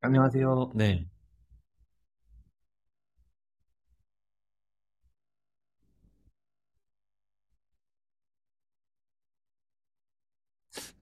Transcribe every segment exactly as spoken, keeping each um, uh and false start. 안녕하세요. 네.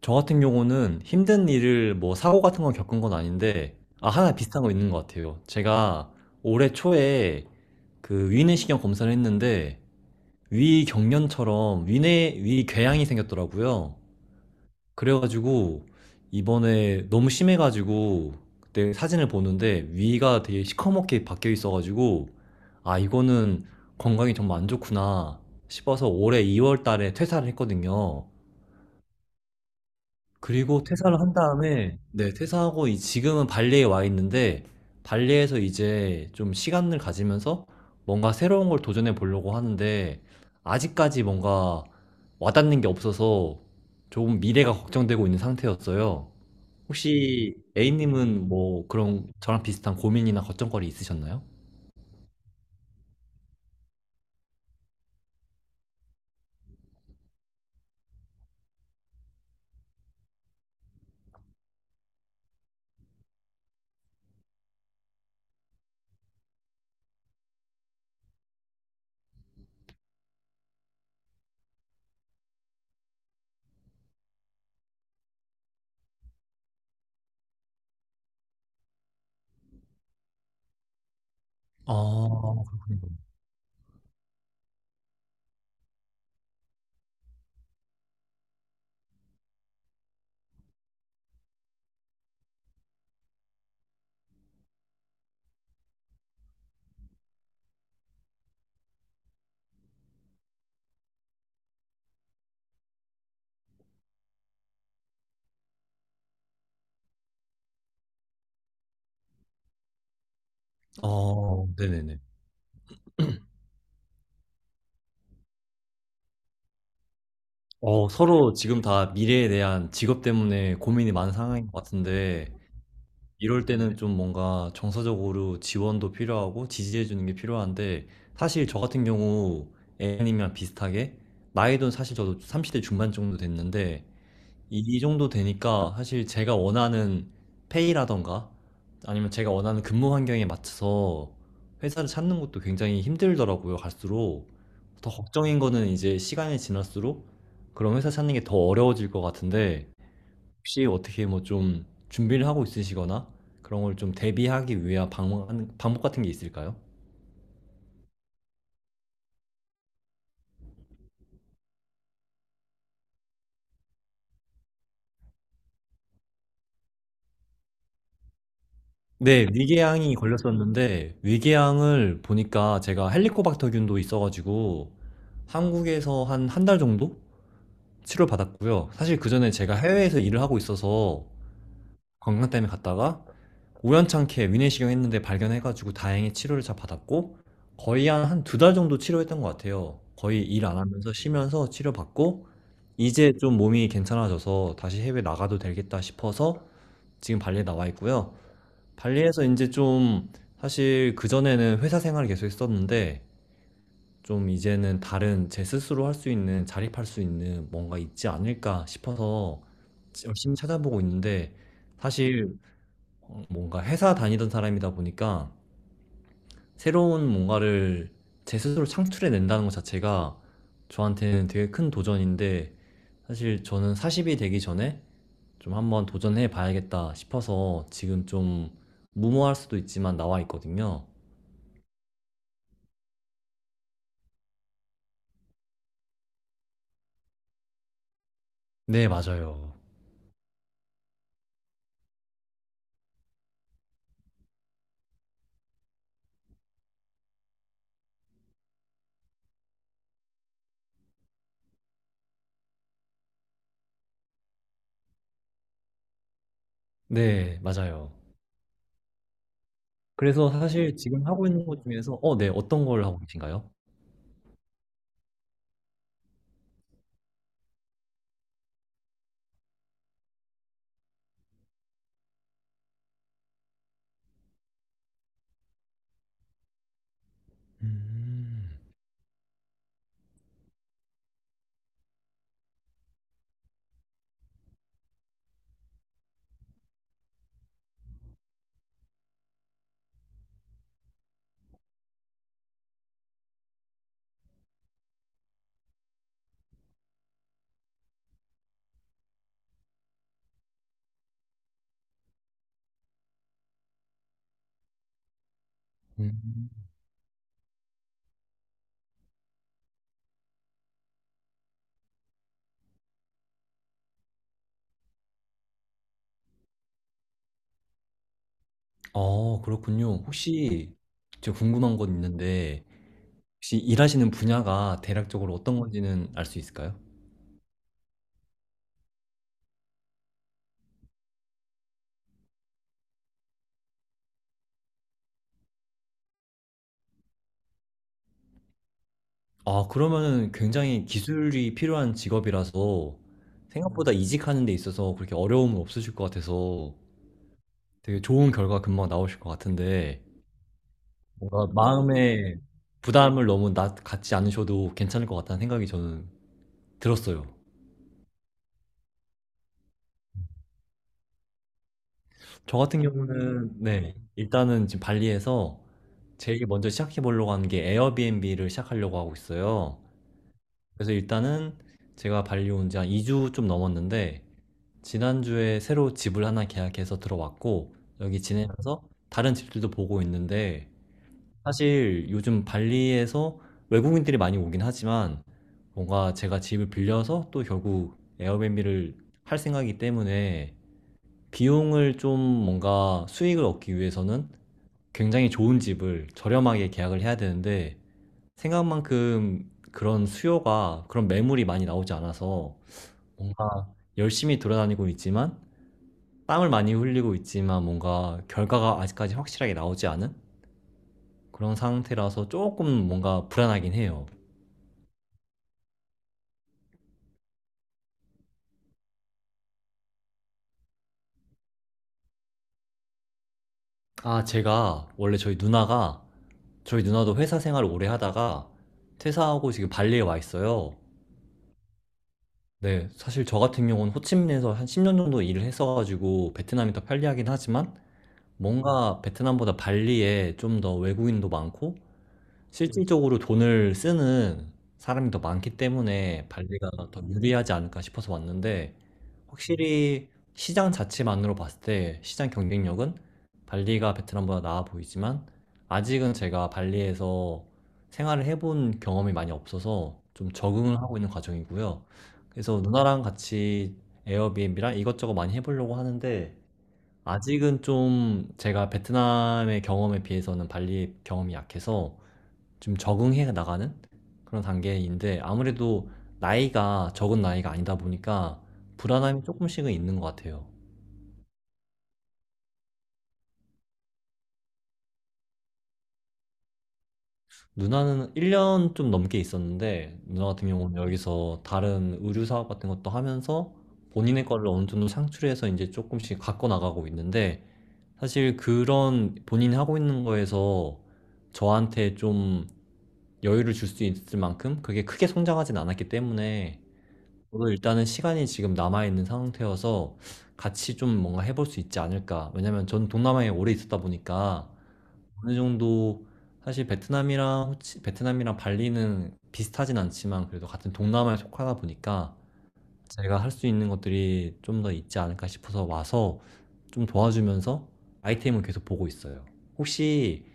저 같은 경우는 힘든 일을 뭐 사고 같은 건 겪은 건 아닌데, 아, 하나 비슷한 거 있는 것 같아요. 제가 올해 초에 그 위내시경 검사를 했는데, 위 경련처럼 위내, 위 궤양이 생겼더라고요. 그래가지고, 이번에 너무 심해가지고, 그때 사진을 보는데, 위가 되게 시커멓게 바뀌어 있어가지고, 아, 이거는 건강이 정말 안 좋구나 싶어서 올해 이 월 달에 퇴사를 했거든요. 그리고 퇴사를 한 다음에 네, 퇴사하고 이 지금은 발리에 와 있는데, 발리에서 이제 좀 시간을 가지면서 뭔가 새로운 걸 도전해 보려고 하는데, 아직까지 뭔가 와닿는 게 없어서 조금 미래가 걱정되고 있는 상태였어요. 혹시 A님은 뭐 그런 저랑 비슷한 고민이나 걱정거리 있으셨나요? 어, 어, 네네네. 어, 서로 지금 다 미래에 대한 직업 때문에 고민이 많은 상황인 것 같은데, 이럴 때는 좀 뭔가 정서적으로 지원도 필요하고 지지해주는 게 필요한데, 사실 저 같은 경우 애님이랑 비슷하게, 나이도 사실 저도 삼십 대 중반 정도 됐는데, 이, 이 정도 되니까 사실 제가 원하는 페이라던가, 아니면 제가 원하는 근무 환경에 맞춰서 회사를 찾는 것도 굉장히 힘들더라고요, 갈수록. 더 걱정인 거는 이제 시간이 지날수록 그런 회사 찾는 게 더 어려워질 것 같은데, 혹시 어떻게 뭐 좀 준비를 하고 있으시거나 그런 걸 좀 대비하기 위한 방법 방법 같은 게 있을까요? 네, 위궤양이 걸렸었는데 위궤양을 보니까 제가 헬리코박터균도 있어가지고 한국에서 한 한 달 정도 치료받았고요. 사실 그전에 제가 해외에서 일을 하고 있어서 건강 때문에 갔다가 우연찮게 위내시경 했는데 발견해가지고 다행히 치료를 잘 받았고, 거의 한 한 두 달 정도 치료했던 것 같아요. 거의 일 안 하면서 쉬면서 치료받고, 이제 좀 몸이 괜찮아져서 다시 해외 나가도 되겠다 싶어서 지금 발리에 나와 있고요. 발리에서 인제 좀, 사실 그전에는 회사 생활을 계속 했었는데, 좀 이제는 다른 제 스스로 할 수 있는 자립할 수 있는 뭔가 있지 않을까 싶어서 열심히 찾아보고 있는데, 사실 어, 뭔가 회사 다니던 사람이다 보니까 새로운 뭔가를 제 스스로 창출해 낸다는 것 자체가 저한테는 되게 큰 도전인데, 사실 저는 사십이 되기 전에 좀 한번 도전해 봐야겠다 싶어서 지금 좀 무모할 수도 있지만 나와 있거든요. 네, 맞아요. 네, 맞아요. 그래서 사실 지금 하고 있는 것 중에서 어, 네, 어떤 걸 하고 계신가요? 음, 음. 어, 그렇군요. 혹시 제가 궁금한 건 있는데, 혹시 일하시는 분야가 대략적으로 어떤 음. 건지는 알 수 있을까요? 아, 그러면은 굉장히 기술이 필요한 직업이라서 생각보다 음. 이직하는 데 있어서 그렇게 어려움은 없으실 것 같아서 되게 좋은 결과 금방 나오실 것 같은데, 뭔가 마음에 음. 부담을 너무 낮, 갖지 않으셔도 괜찮을 것 같다는 생각이 저는 들었어요. 저 같은 경우는 음. 네, 일단은 지금 발리에서 제일 먼저 시작해 보려고 하는 게 에어비앤비를 시작하려고 하고 있어요. 그래서 일단은 제가 발리 온 지 한 이 주 좀 넘었는데, 지난주에 새로 집을 하나 계약해서 들어왔고, 여기 지내면서 다른 집들도 보고 있는데, 사실 요즘 발리에서 외국인들이 많이 오긴 하지만, 뭔가 제가 집을 빌려서 또 결국 에어비앤비를 할 생각이기 때문에, 비용을 좀 뭔가 수익을 얻기 위해서는 굉장히 좋은 집을 저렴하게 계약을 해야 되는데, 생각만큼 그런 수요가, 그런 매물이 많이 나오지 않아서 뭔가 열심히 돌아다니고 있지만, 땀을 많이 흘리고 있지만 뭔가 결과가 아직까지 확실하게 나오지 않은 그런 상태라서 조금 뭔가 불안하긴 해요. 아, 제가 원래 저희 누나가 저희 누나도 회사 생활을 오래 하다가 퇴사하고 지금 발리에 와 있어요. 네, 사실 저 같은 경우는 호치민에서 한 십 년 정도 일을 했어가지고 베트남이 더 편리하긴 하지만, 뭔가 베트남보다 발리에 좀 더 외국인도 많고 실질적으로 돈을 쓰는 사람이 더 많기 때문에 발리가 더 음. 유리하지 않을까 싶어서 왔는데, 확실히 시장 자체만으로 봤을 때 시장 경쟁력은 발리가 베트남보다 나아 보이지만 아직은 제가 발리에서 생활을 해본 경험이 많이 없어서 좀 적응을 하고 있는 과정이고요. 그래서 누나랑 같이 에어비앤비랑 이것저것 많이 해보려고 하는데, 아직은 좀 제가 베트남의 경험에 비해서는 발리의 경험이 약해서 좀 적응해 나가는 그런 단계인데, 아무래도 나이가 적은 나이가 아니다 보니까 불안함이 조금씩은 있는 것 같아요. 누나는 일 년 좀 넘게 있었는데, 누나 같은 경우는 여기서 다른 의류 사업 같은 것도 하면서 본인의 거를 어느 정도 창출해서 이제 조금씩 갖고 나가고 있는데, 사실 그런 본인이 하고 있는 거에서 저한테 좀 여유를 줄 수 있을 만큼 그게 크게 성장하진 않았기 때문에, 저도 일단은 시간이 지금 남아있는 상태여서 같이 좀 뭔가 해볼 수 있지 않을까. 왜냐면 전 동남아에 오래 있었다 보니까 어느 정도, 사실 베트남이랑 호치, 베트남이랑 발리는 비슷하진 않지만 그래도 같은 동남아에 속하다 보니까 제가 할 수 있는 것들이 좀 더 있지 않을까 싶어서 와서 좀 도와주면서 아이템을 계속 보고 있어요. 혹시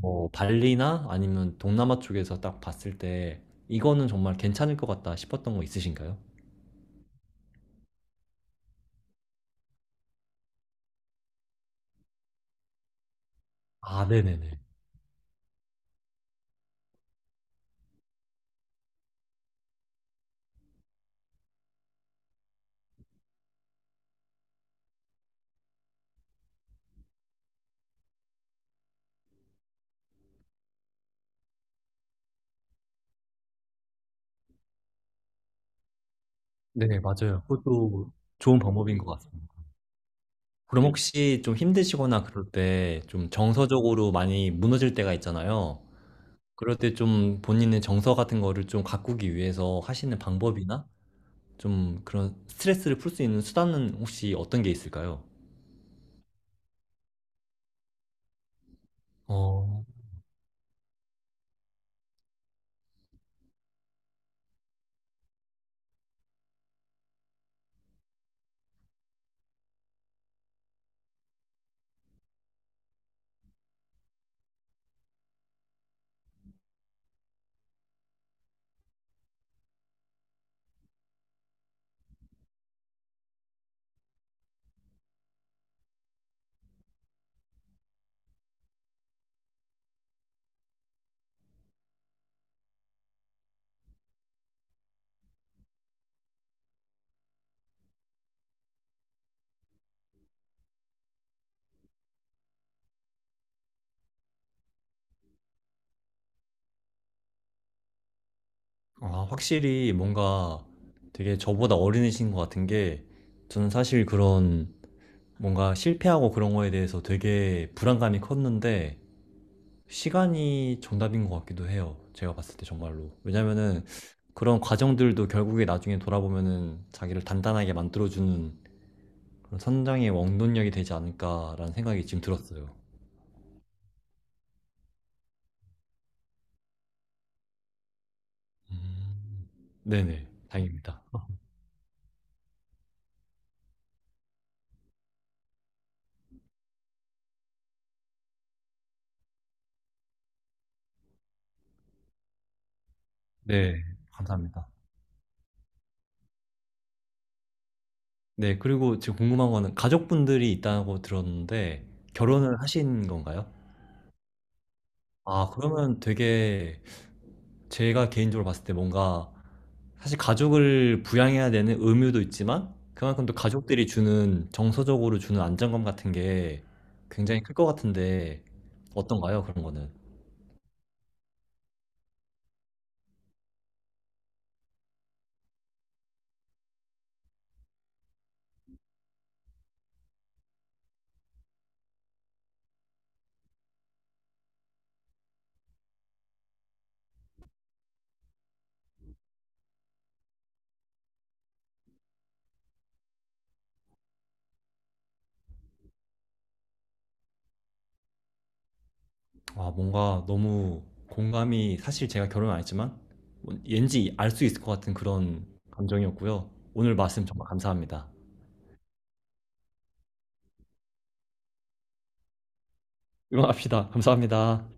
뭐 발리나 아니면 동남아 쪽에서 딱 봤을 때 이거는 정말 괜찮을 것 같다 싶었던 거 있으신가요? 아, 네네네. 네, 맞아요. 그것도 좋은 방법인 것 같습니다. 그럼 혹시 좀 힘드시거나 그럴 때 좀 정서적으로 많이 무너질 때가 있잖아요. 그럴 때 좀 본인의 정서 같은 거를 좀 가꾸기 위해서 하시는 방법이나 좀 그런 스트레스를 풀 수 있는 수단은 혹시 어떤 게 있을까요? 어, 아, 확실히 뭔가 되게 저보다 어린이신 것 같은 게, 저는 사실 그런 뭔가 실패하고 그런 거에 대해서 되게 불안감이 컸는데, 시간이 정답인 것 같기도 해요. 제가 봤을 때 정말로. 왜냐면은 그런 과정들도 결국에 나중에 돌아보면은 자기를 단단하게 만들어주는 그런 성장의 원동력이 되지 않을까라는 생각이 지금 들었어요. 음, 네네. 다행입니다. 네. 감사합니다. 네. 그리고 지금 궁금한 거는 가족분들이 있다고 들었는데 결혼을 하신 건가요? 아, 그러면 되게 제가 개인적으로 봤을 때 뭔가 사실 가족을 부양해야 되는 의무도 있지만 그만큼 또 가족들이 주는, 정서적으로 주는 안정감 같은 게 굉장히 클 것 같은데 어떤가요? 그런 거는. 아, 뭔가 너무 공감이, 사실 제가 결혼 안 했지만 뭔- 왠지 알 수 있을 것 같은 그런 감정이었고요. 오늘 말씀 정말 감사합니다. 응원합시다. 감사합니다.